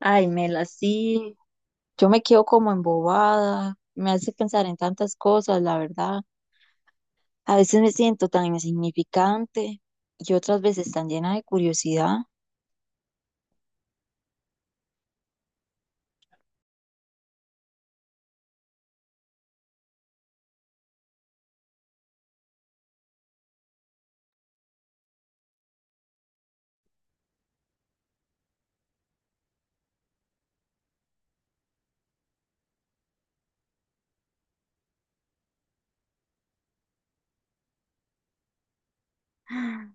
Ay, Mela, sí, yo me quedo como embobada, me hace pensar en tantas cosas, la verdad. A veces me siento tan insignificante y otras veces tan llena de curiosidad.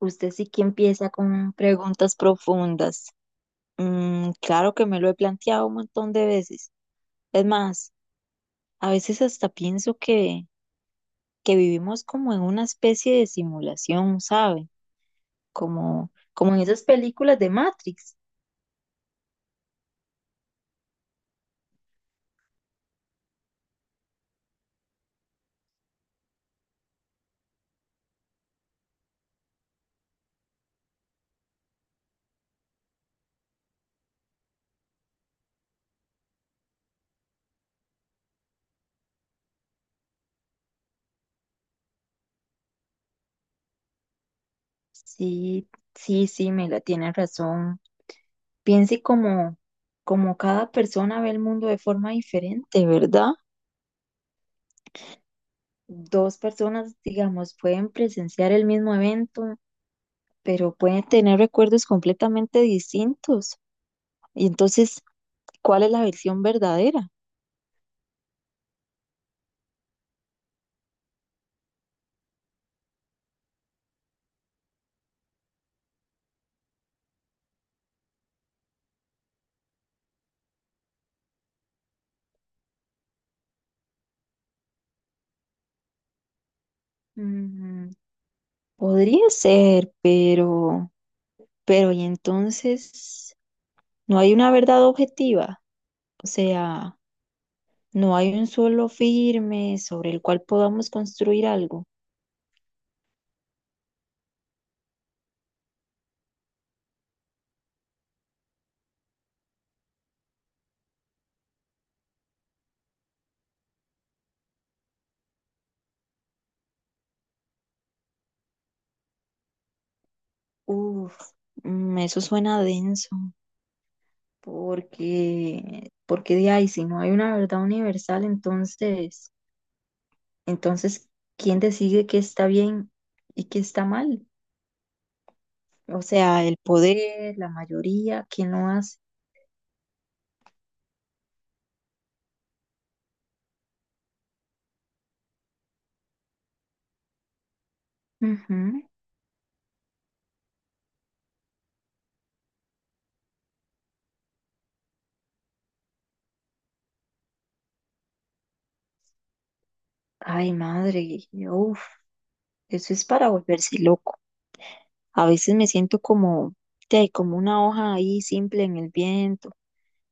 Usted sí que empieza con preguntas profundas. Mm, claro que me lo he planteado un montón de veces. Es más, a veces hasta pienso que vivimos como en una especie de simulación, ¿sabe? Como, como en esas películas de Matrix. Sí, sí, sí, Mela, tiene razón. Piense como, como cada persona ve el mundo de forma diferente, ¿verdad? Dos personas, digamos, pueden presenciar el mismo evento, pero pueden tener recuerdos completamente distintos. Y entonces, ¿cuál es la versión verdadera? Mm, podría ser, pero y entonces, no hay una verdad objetiva. O sea, no hay un suelo firme sobre el cual podamos construir algo. Uf, mm, eso suena denso, porque, porque de ahí, si no hay una verdad universal, entonces, ¿quién decide qué está bien y qué está mal? O sea, el poder, la mayoría, ¿quién lo hace? Ujú. Ay, madre, uf, eso es para volverse loco. A veces me siento como, te como una hoja ahí simple en el viento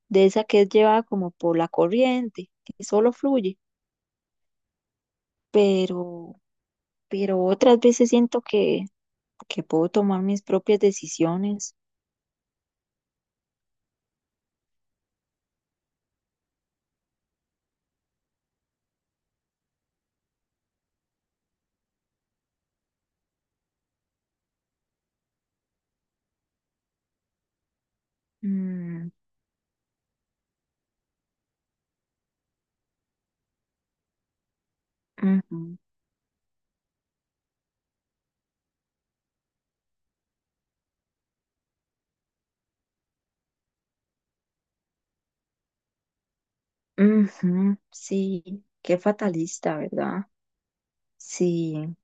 de esa que es llevada como por la corriente, que solo fluye, pero, pero otras veces siento que puedo tomar mis propias decisiones. Mm, ujú, ujú, sí, qué fatalista, ¿verdad? Sí,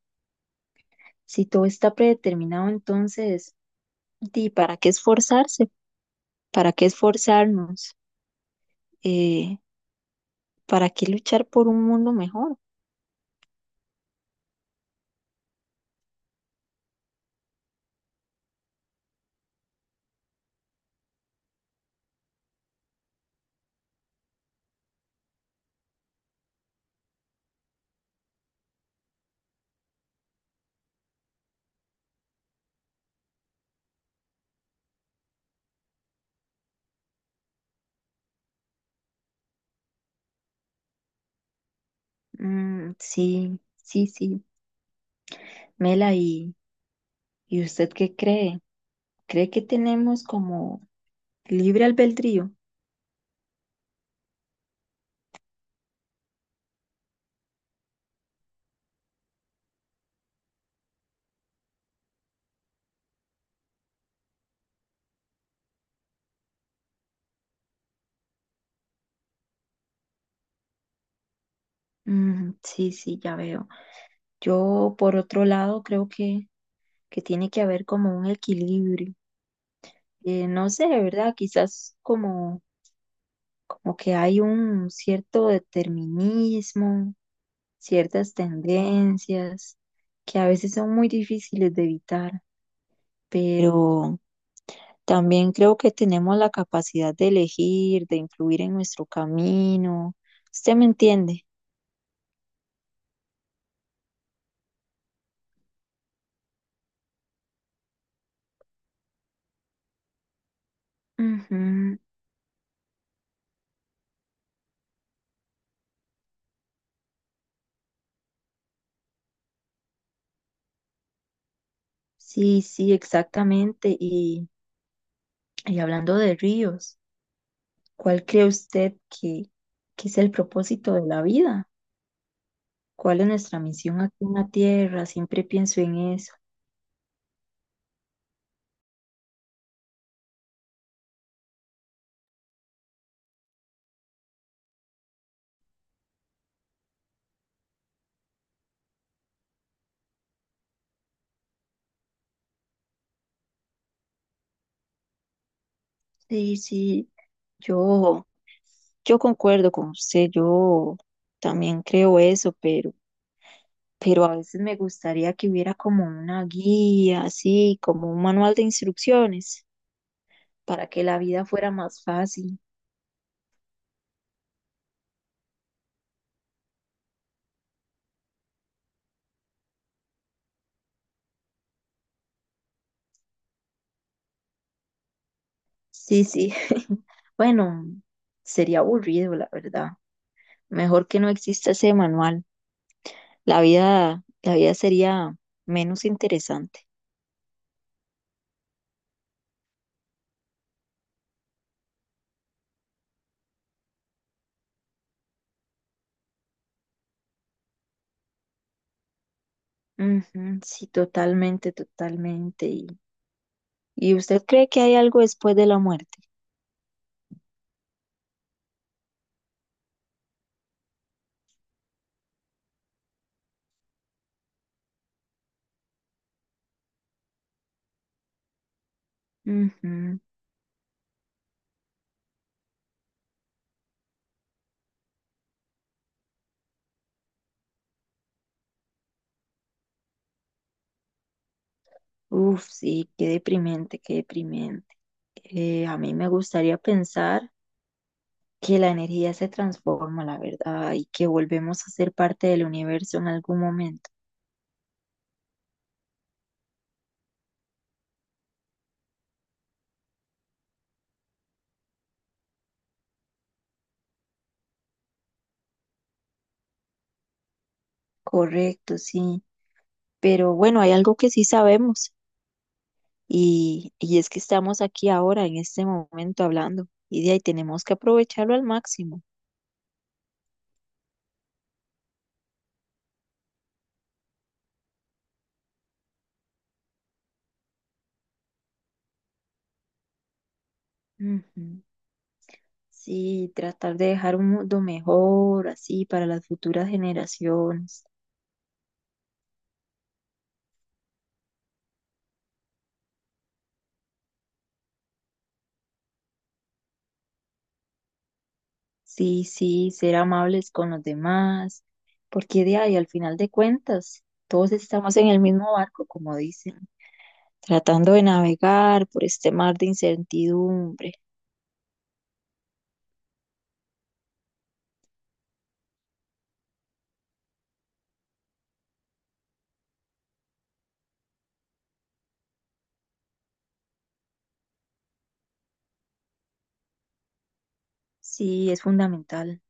si todo está predeterminado, entonces, ¿y para qué esforzarse? ¿Para qué esforzarnos? Eh, ¿Para qué luchar por un mundo mejor? Mm, sí, sí, sí. Mela, y... ¿Y usted qué cree? ¿Cree que tenemos como libre albedrío? Mm, sí, sí, ya veo. Yo, por otro lado, creo que tiene que haber como un equilibrio. No sé, ¿verdad? Quizás como, como que hay un cierto determinismo, ciertas tendencias que a veces son muy difíciles de evitar, pero... También creo que tenemos la capacidad de elegir, de influir en nuestro camino. ¿Usted me entiende? Ujú. Sí, sí, exactamente. Y hablando de ríos, ¿cuál cree usted que es el propósito de la vida? ¿Cuál es nuestra misión aquí en la Tierra? Siempre pienso en eso. Sí, sí, yo, yo concuerdo con usted, yo también creo eso, pero a veces me gustaría que hubiera como una guía, así, como un manual de instrucciones para que la vida fuera más fácil. Sí, sí. Bueno, sería aburrido, la verdad. Mejor que no exista ese manual. La vida sería menos interesante. Ujú, sí, totalmente, totalmente. Y usted cree que hay algo después de la muerte? Ujú. Uf, sí, qué deprimente, qué deprimente. A mí me gustaría pensar que la energía se transforma, la verdad, y que volvemos a ser parte del universo en algún momento. Correcto, sí. Pero bueno, hay algo que sí sabemos y es que estamos aquí ahora, en este momento, hablando y de ahí tenemos que aprovecharlo al máximo. Ujú. Sí, tratar de dejar un mundo mejor, así, para las futuras generaciones. Sí, sí, ser amables con los demás, porque de ahí, al final de cuentas, todos estamos en el mismo barco, como dicen. Tratando de navegar por este mar de incertidumbre. Sí, es fundamental.